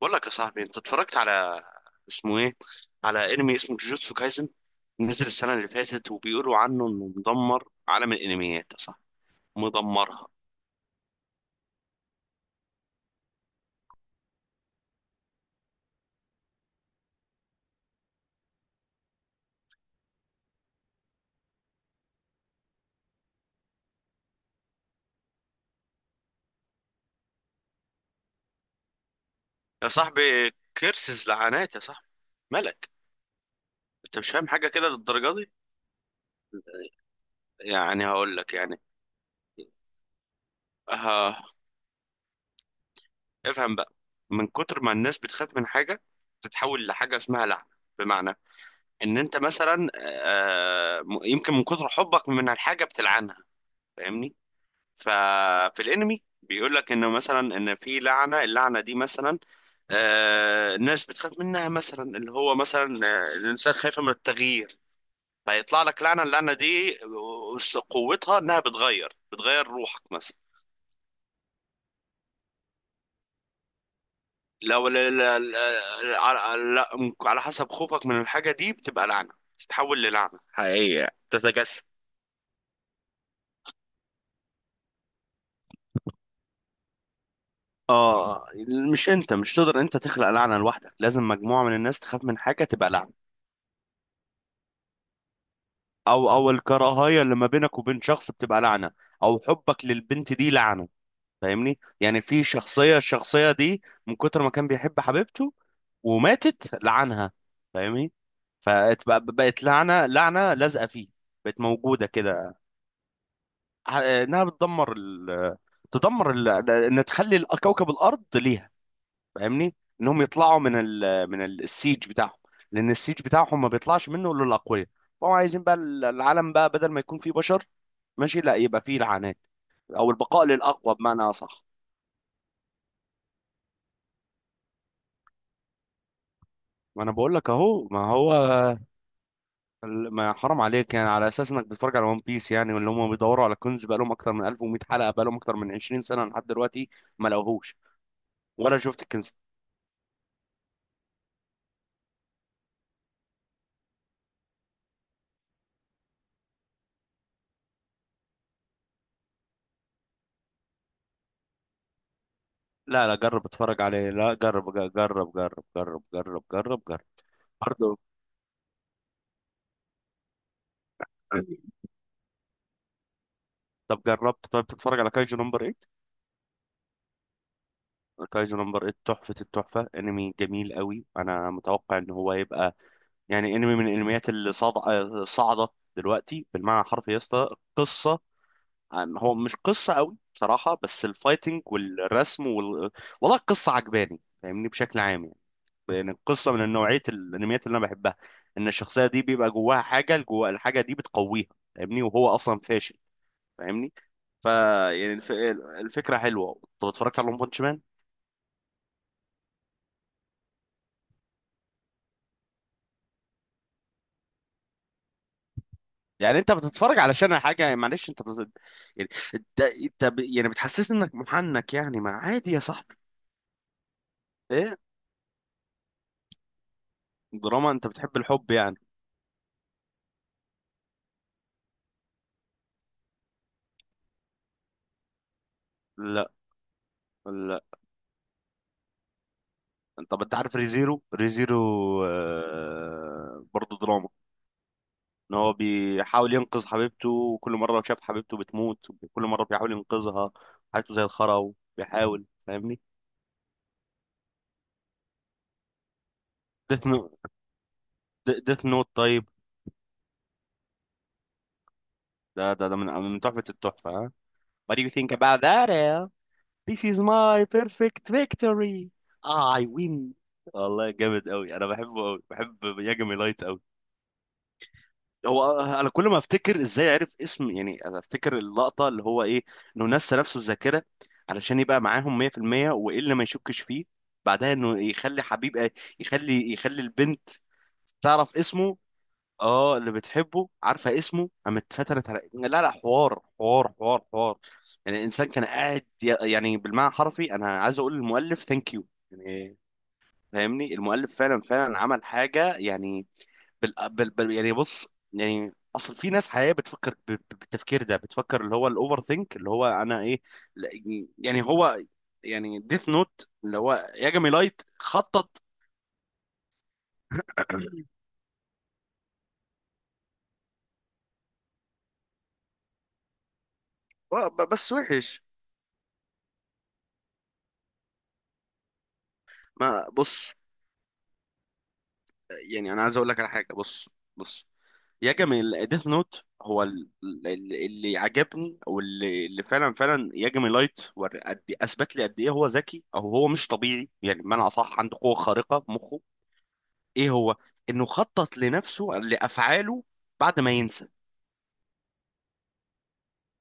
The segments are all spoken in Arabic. بقول لك يا صاحبي، انت اتفرجت على، اسمه ايه، على انمي اسمه جوجوتسو كايزن؟ نزل السنه اللي فاتت وبيقولوا عنه انه مدمر عالم الانميات يا صاحبي، مدمرها. يا صاحبي كيرسز، لعنات يا صاحبي، ملك. انت مش فاهم حاجه كده للدرجه دي؟ يعني هقول لك يعني. اه، افهم بقى. من كتر ما الناس بتخاف من حاجه تتحول لحاجه اسمها لعنه. بمعنى ان انت مثلا يمكن من كتر حبك من الحاجه بتلعنها، فاهمني. ففي الانمي بيقول لك انه مثلا ان في لعنه، اللعنه دي مثلا آه الناس بتخاف منها، مثلا اللي هو مثلا الانسان خايف من التغيير، فيطلع لك لعنه. اللعنه دي قوتها انها بتغير روحك مثلا. لو لا لا لا على، على حسب خوفك من الحاجه دي بتبقى لعنه، تتحول للعنه حقيقيه تتجسد. اه، مش تقدر انت تخلق لعنه لوحدك، لازم مجموعه من الناس تخاف من حاجه تبقى لعنه. او الكراهيه اللي ما بينك وبين شخص بتبقى لعنه، او حبك للبنت دي لعنه. فاهمني، يعني في شخصيه، الشخصيه دي من كتر ما كان بيحب حبيبته وماتت لعنها، فاهمني، فبقت لعنه، لازقه فيه، بقت موجوده كده. انها بتدمر ال... تدمر ال... ان تخلي كوكب الارض ليها، فاهمني. انهم يطلعوا من السيج بتاعهم، لان السيج بتاعهم ما بيطلعش منه الا الاقوياء. فهم عايزين بقى العالم بقى بدل ما يكون فيه بشر، ماشي، لا يبقى فيه لعنات، او البقاء للاقوى بمعنى اصح. ما انا بقول لك اهو. ما هو ال- ما حرام عليك يعني، على اساس انك بتتفرج على ون بيس يعني، واللي هم بيدوروا على كنز بقى لهم اكتر من 1100 حلقه، بقى لهم اكتر من 20 سنه لحد دلوقتي ما لقوهوش، ولا شفت الكنز. لا لا، جرب اتفرج عليه. لا جرب جرب جرب جرب جرب جرب جرب جرب برضه. طب جربت طيب تتفرج على كايجو نمبر 8؟ كايجو نمبر 8 تحفة التحفة، انمي جميل قوي، انا متوقع ان هو يبقى، يعني انمي من الانميات اللي صاعدة دلوقتي بالمعنى الحرفي يا اسطى. قصة، هو مش قصة قوي بصراحة، بس الفايتنج والرسم وال... والله القصة عجباني فاهمني بشكل عام يعني، لان القصة من نوعية الانميات اللي انا بحبها، ان الشخصية دي بيبقى جواها حاجة، جوا الحاجة دي بتقويها، فاهمني، وهو اصلا فاشل، فاهمني. فا، يعني الفكره حلوه. انت اتفرجت على ون بانش مان؟ يعني انت بتتفرج علشان حاجه، معلش انت بت... يعني انت ب... يعني بتحسسني انك محنك يعني، ما عادي يا صاحبي. ايه؟ دراما، انت بتحب الحب يعني. لا لا. طب انت عارف ريزيرو؟ آه... برضه دراما، ان هو بيحاول ينقذ حبيبته وكل مره شاف حبيبته بتموت وكل مره بيحاول ينقذها، حياته زي الخرا وبيحاول، فاهمني. ديث نوت. طيب ده من، من تحفة التحفة، ها. What do you think about that Al? This is my perfect victory. I win. والله جامد قوي، انا بحبه قوي، بحب ياجامي لايت قوي. هو انا كل ما افتكر ازاي عرف اسم يعني، انا افتكر اللقطة اللي هو ايه، انه نسى نفسه الذاكرة علشان يبقى معاهم 100%، وايه اللي ما يشكش فيه بعدها، انه يخلي حبيب، يخلي البنت تعرف اسمه. اه اللي بتحبه عارفه اسمه، قامت اتفتلت على، لا لا، حوار حوار. يعني الانسان كان قاعد يعني بالمعنى الحرفي، انا عايز اقول للمؤلف ثانك يو يعني، فاهمني، المؤلف فعلا فعلا عمل حاجه يعني. يعني بص، يعني اصل في ناس حقيقيه بتفكر بالتفكير ده، بتفكر اللي هو الاوفر ثينك، اللي هو انا ايه، لا، يعني هو، يعني ديث نوت اللي هو ياجامي لايت خطط. بس وحش. ما بص، يعني انا عايز اقول لك على حاجه. بص بص يا جميل، ديث نوت هو اللي عجبني، او اللي فعلا فعلا يجمي لايت قد إيه، اثبت لي قد ايه هو ذكي، او هو مش طبيعي يعني بمعنى اصح، عنده قوه خارقه في مخه. ايه هو، انه خطط لنفسه لافعاله بعد ما ينسى،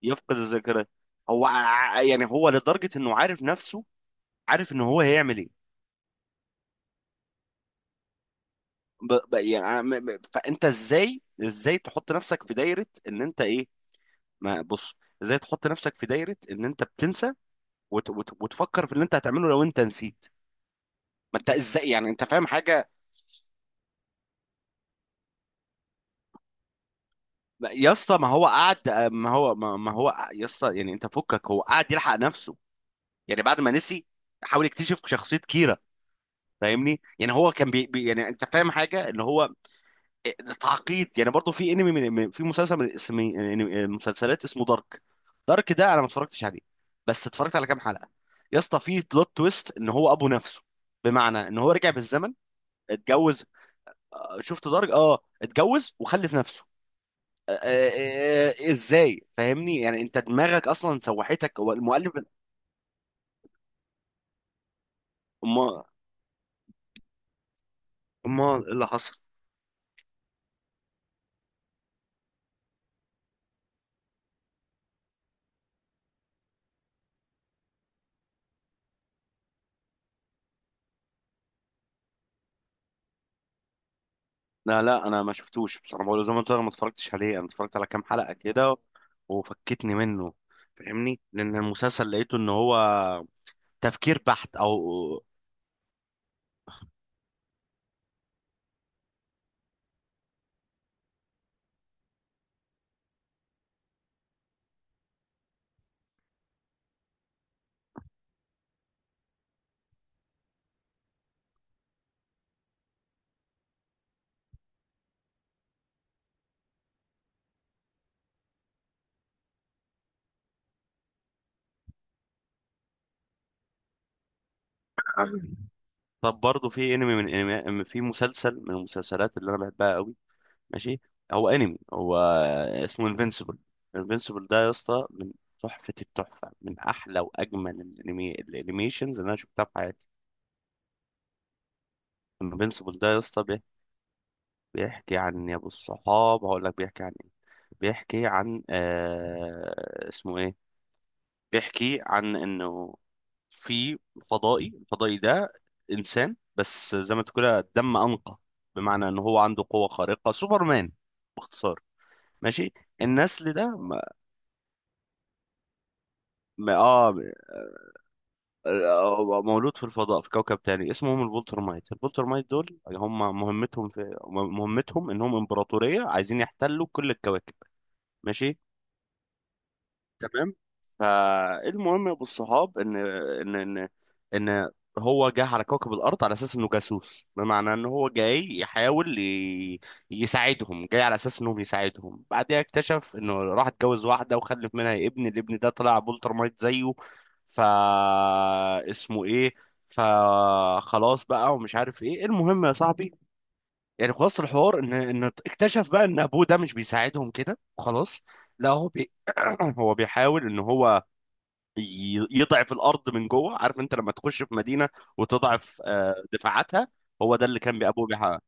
يفقد الذاكره. يعني هو لدرجه انه عارف نفسه، عارف ان هو هيعمل ايه. يعني فانت ازاي تحط نفسك في دايره ان انت ايه. ما بص، ازاي تحط نفسك في دايره ان انت بتنسى، وتفكر في اللي انت هتعمله لو انت نسيت. ما انت ازاي يعني، انت فاهم حاجه يا اسطى. ما هو قعد، ما هو يا اسطى، يعني انت فكك، هو قعد يلحق نفسه يعني، بعد ما نسي حاول يكتشف شخصيه كيرا، فاهمني. يعني هو كان يعني انت فاهم حاجه اللي هو تعقيد يعني. برضو في انمي في مسلسل من اسم من مسلسلات اسمه دارك. دارك ده انا ما اتفرجتش عليه، بس اتفرجت على كام حلقة، يا اسطى في بلوت تويست ان هو ابو نفسه. بمعنى ان هو رجع بالزمن اتجوز. شفت دارك؟ اه اتجوز وخلف نفسه. ازاي، فاهمني يعني انت دماغك اصلا سوحتك هو المؤلف. ما ما إيه اللي حصل؟ لا لا، انا ما شفتوش بصراحه، بقول زي ما قلت لك ما اتفرجتش عليه، انا اتفرجت على كام حلقه كده، وفكتني منه فاهمني، لان المسلسل لقيته ان هو تفكير بحت او. طب برضه في انمي من انمي في مسلسل من المسلسلات اللي انا بحبها قوي، ماشي، هو اسمه انفينسيبل. انفينسيبل ده يا اسطى من تحفة التحفة، من احلى واجمل الانمي الانيميشنز اللي انا شفتها في حياتي. انفينسيبل ده يا اسطى بيحكي عن، يا ابو الصحاب هقول لك بيحكي عن ايه. بيحكي عن، آه اسمه ايه، بيحكي عن انه في فضائي. الفضائي ده انسان بس زي ما تقول كده دم انقى، بمعنى ان هو عنده قوة خارقة، سوبرمان باختصار. ماشي، النسل ده ما- اه مولود في الفضاء في كوكب تاني اسمهم البولترمايت. البولترمايت دول هم مهمتهم مهمتهم انهم امبراطورية عايزين يحتلوا كل الكواكب، ماشي، تمام. فالمهم يا ابو الصحاب ان ان ان ان هو جه على كوكب الارض على اساس انه جاسوس، بمعنى ان هو جاي يحاول ي... يساعدهم، جاي على اساس انهم يساعدهم، بعدها اكتشف انه راح اتجوز واحده وخلف منها ابن، الابن ده طلع بولترمايت زيه. ف، اسمه ايه، فخلاص بقى ومش عارف ايه، المهم يا صاحبي يعني خلاص الحوار ان اكتشف بقى ان ابوه ده مش بيساعدهم كده، خلاص. لا هو بي... هو بيحاول ان هو يضعف الارض من جوه. عارف انت لما تخش في مدينه وتضعف دفاعاتها، هو ده اللي كان ابوه بيحاول،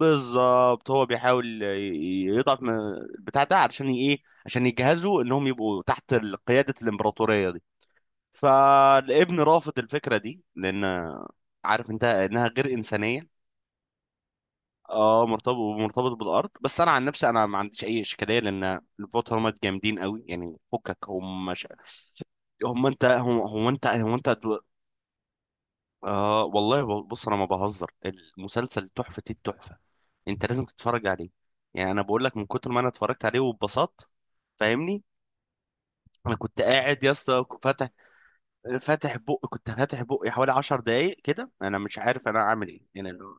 بالظبط، هو بيحاول يضعف من البتاع ده علشان ايه، عشان يجهزوا انهم يبقوا تحت قياده الامبراطوريه دي. فالابن رافض الفكره دي لان، عارف انت انها غير انسانيه. اه مرتبط بالارض، بس انا عن نفسي انا ما عنديش اي اشكاليه لان الفوتومات جامدين قوي يعني، فكك هم مش هم انت هم, هم انت هم انت دو... آه والله، بص انا ما بهزر، المسلسل تحفه التحفه، انت لازم تتفرج عليه. يعني انا بقول لك من كتر ما انا اتفرجت عليه واتبسطت، فاهمني. انا كنت قاعد يا اسطى فاتح، بق كنت فاتح بقي حوالي 10 دقايق كده انا مش عارف انا اعمل ايه يعني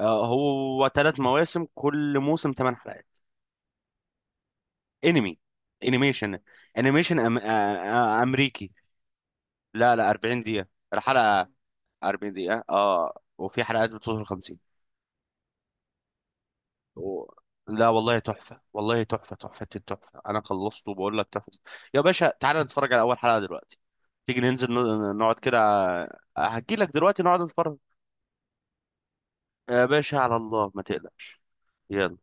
آه هو ثلاث مواسم، كل موسم 8 حلقات، انمي انيميشن. امريكي. لا لا، 40 دقيقة الحلقة، 40 دقيقة اه، وفي حلقات بتوصل 50. و... لا والله تحفة، والله تحفة، تحفة التحفة، انا خلصته وبقول لك تحفة. يا باشا تعالى نتفرج على اول حلقة دلوقتي، تيجي ننزل نقعد كده، هجيلك دلوقتي نقعد نتفرج. يا باشا على الله ما تقلقش، يلا.